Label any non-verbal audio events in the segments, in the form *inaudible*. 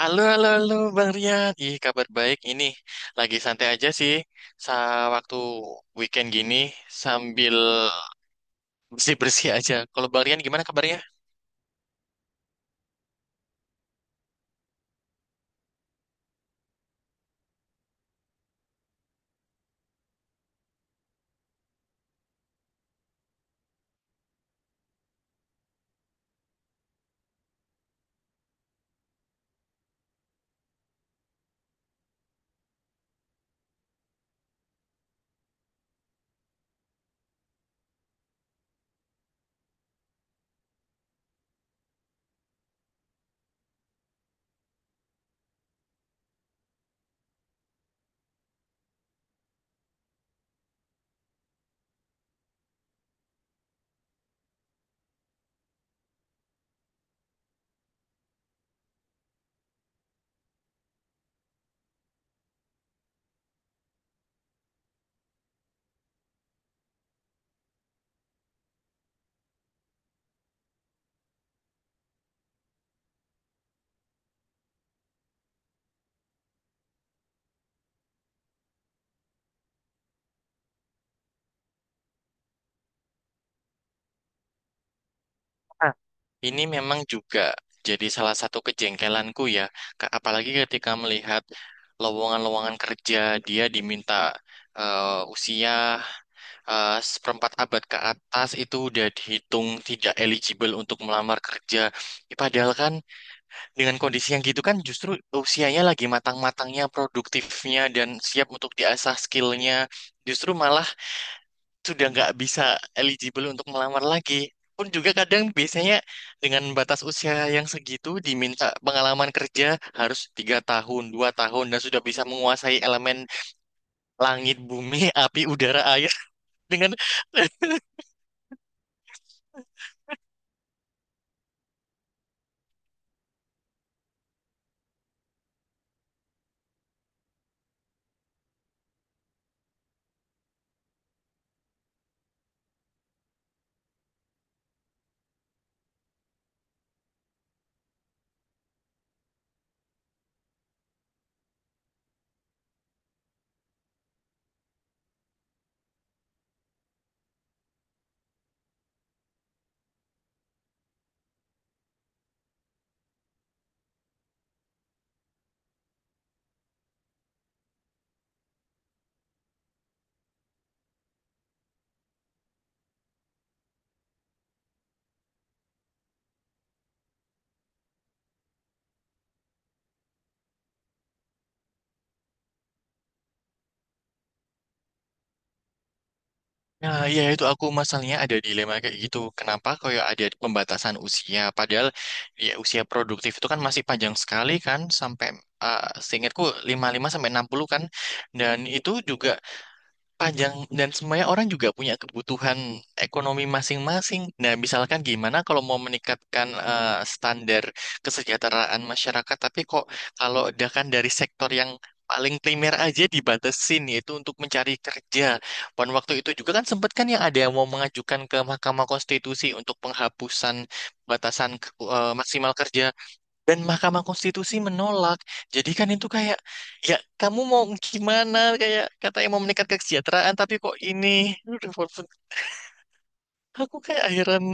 Halo, halo, halo, Bang Rian. Ih, kabar baik ini. Lagi santai aja sih. Sa waktu weekend gini sambil bersih-bersih *laughs* aja. Kalau Bang Rian gimana kabarnya? Ah. Ini memang juga jadi salah satu kejengkelanku ya. Apalagi ketika melihat lowongan-lowongan kerja dia diminta eh, usia seperempat abad ke atas itu udah dihitung tidak eligible untuk melamar kerja. Ih, padahal kan, dengan kondisi yang gitu kan justru usianya lagi matang-matangnya, produktifnya, dan siap untuk diasah skillnya. Justru malah sudah nggak bisa eligible untuk melamar lagi. Pun juga kadang biasanya dengan batas usia yang segitu diminta pengalaman kerja harus 3 tahun, 2 tahun, dan sudah bisa menguasai elemen langit, bumi, *laughs* api, udara, air. *laughs* Dengan Nah, ya itu aku masalahnya ada dilema kayak gitu. Kenapa kayak ada pembatasan usia? Padahal ya usia produktif itu kan masih panjang sekali kan sampai seingatku 55 sampai 60 kan. Dan itu juga panjang dan semuanya orang juga punya kebutuhan ekonomi masing-masing. Nah, misalkan gimana kalau mau meningkatkan standar kesejahteraan masyarakat, tapi kok kalau udah kan dari sektor yang paling primer aja dibatasin yaitu untuk mencari kerja. Pada waktu itu juga kan sempat kan yang ada yang mau mengajukan ke Mahkamah Konstitusi untuk penghapusan batasan maksimal kerja dan Mahkamah Konstitusi menolak. Jadi kan itu kayak, ya kamu mau gimana? Kayak katanya mau meningkat kesejahteraan, tapi kok ini? Aduh, aku kayak heran.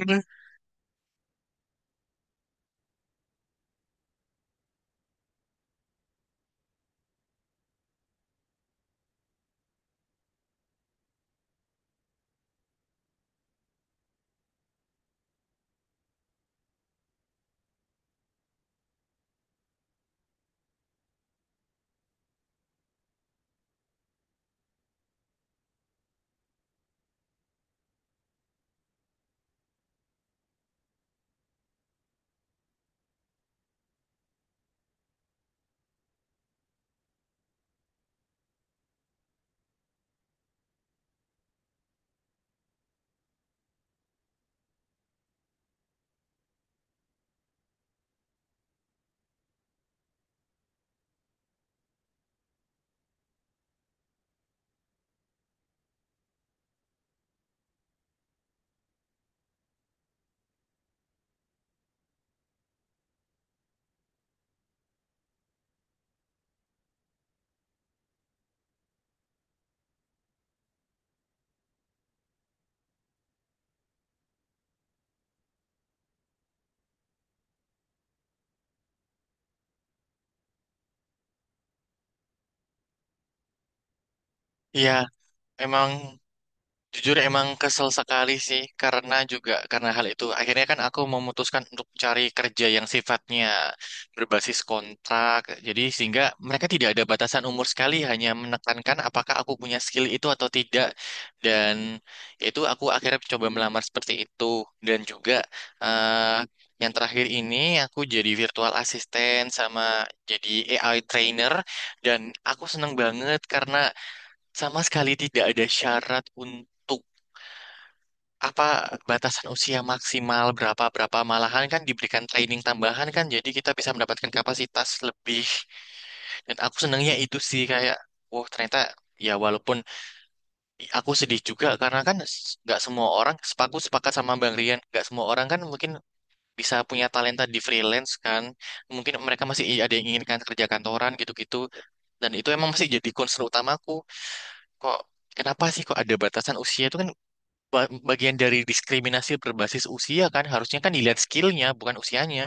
Ya, emang. Jujur emang kesel sekali sih karena juga karena hal itu akhirnya kan aku memutuskan untuk cari kerja yang sifatnya berbasis kontrak. Jadi sehingga mereka tidak ada batasan umur sekali hanya menekankan apakah aku punya skill itu atau tidak. Dan itu aku akhirnya coba melamar seperti itu dan juga, eh, yang terakhir ini aku jadi virtual assistant sama jadi AI trainer. Dan aku seneng banget karena sama sekali tidak ada syarat untuk apa batasan usia maksimal berapa berapa, malahan kan diberikan training tambahan kan jadi kita bisa mendapatkan kapasitas lebih. Dan aku senangnya itu sih kayak wow, ternyata ya walaupun aku sedih juga karena kan nggak semua orang sepakat sama Bang Rian, nggak semua orang kan mungkin bisa punya talenta di freelance kan, mungkin mereka masih ada yang inginkan kerja kantoran gitu-gitu. Dan itu emang masih jadi concern utamaku, kok kenapa sih kok ada batasan usia itu kan bagian dari diskriminasi berbasis usia kan harusnya kan dilihat skillnya bukan usianya.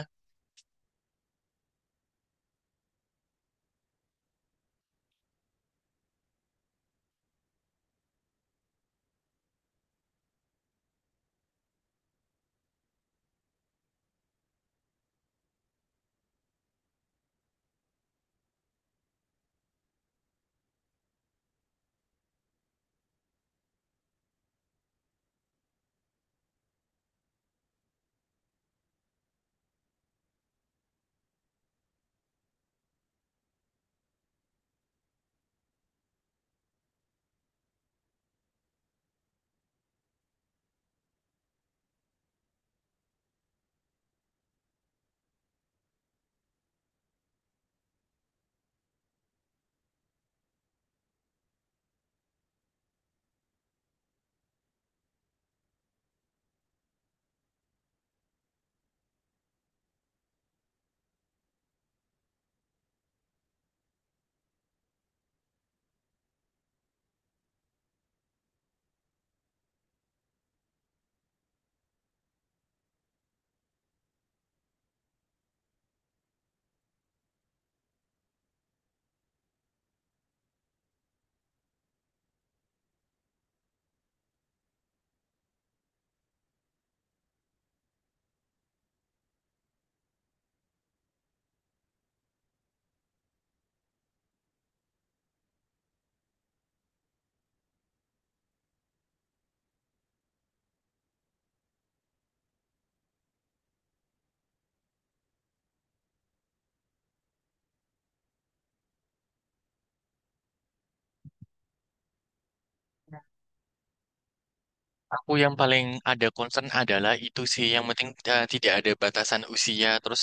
Aku yang paling ada concern adalah itu sih yang penting tidak ada batasan usia. Terus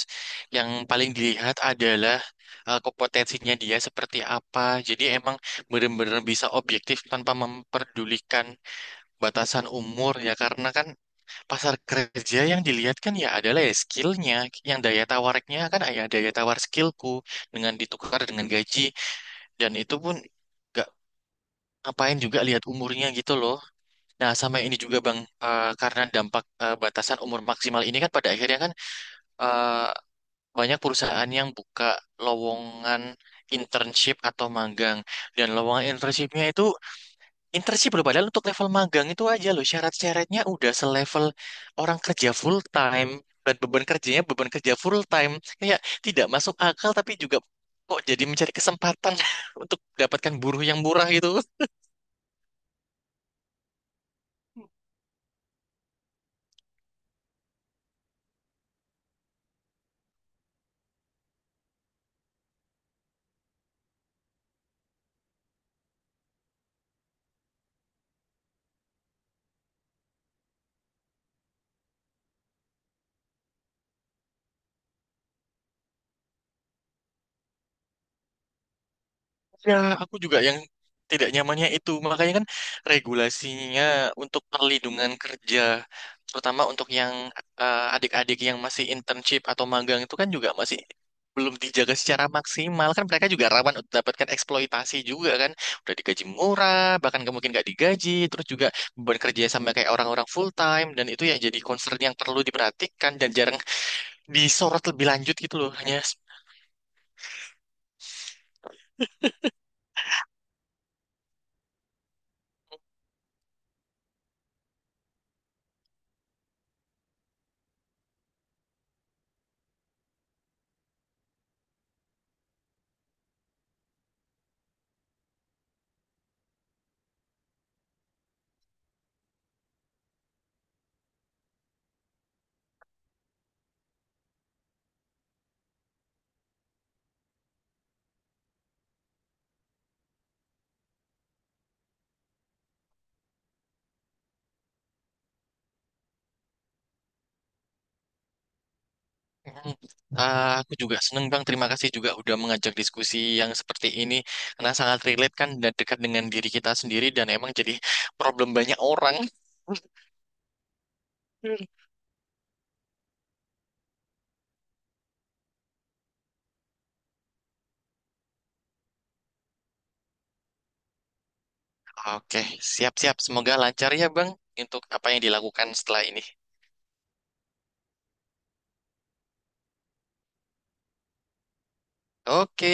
yang paling dilihat adalah kompetensinya dia seperti apa. Jadi emang benar-benar bisa objektif tanpa memperdulikan batasan umur ya. Karena kan pasar kerja yang dilihat kan ya adalah ya skillnya, yang daya tawariknya kan ya daya tawar skillku dengan ditukar dengan gaji. Dan itu pun nggak ngapain juga lihat umurnya gitu loh. Nah, sama ini juga Bang, karena dampak batasan umur maksimal ini kan pada akhirnya kan eh, banyak perusahaan yang buka lowongan internship atau magang. Dan lowongan internshipnya itu internship loh, padahal untuk level magang itu aja loh syarat-syaratnya udah selevel orang kerja full time dan beban kerjanya beban kerja full time. Kayak tidak masuk akal tapi juga kok jadi mencari kesempatan *laughs* untuk mendapatkan buruh yang murah gitu. Ya, aku juga yang tidak nyamannya itu. Makanya kan regulasinya untuk perlindungan kerja, terutama untuk yang adik-adik yang masih internship atau magang itu kan juga masih belum dijaga secara maksimal. Kan mereka juga rawan untuk mendapatkan eksploitasi juga kan. Udah digaji murah, bahkan nggak mungkin nggak digaji, terus juga beban kerja sama kayak orang-orang full time, dan itu ya jadi concern yang perlu diperhatikan dan jarang disorot lebih lanjut gitu loh. Mm. Ah, aku juga seneng Bang, terima kasih juga udah mengajak diskusi yang seperti ini karena sangat relate kan dan dekat dengan diri kita sendiri dan emang jadi problem banyak orang. Mm. Oke, siap-siap. Semoga lancar ya Bang untuk apa yang dilakukan setelah ini. Oke.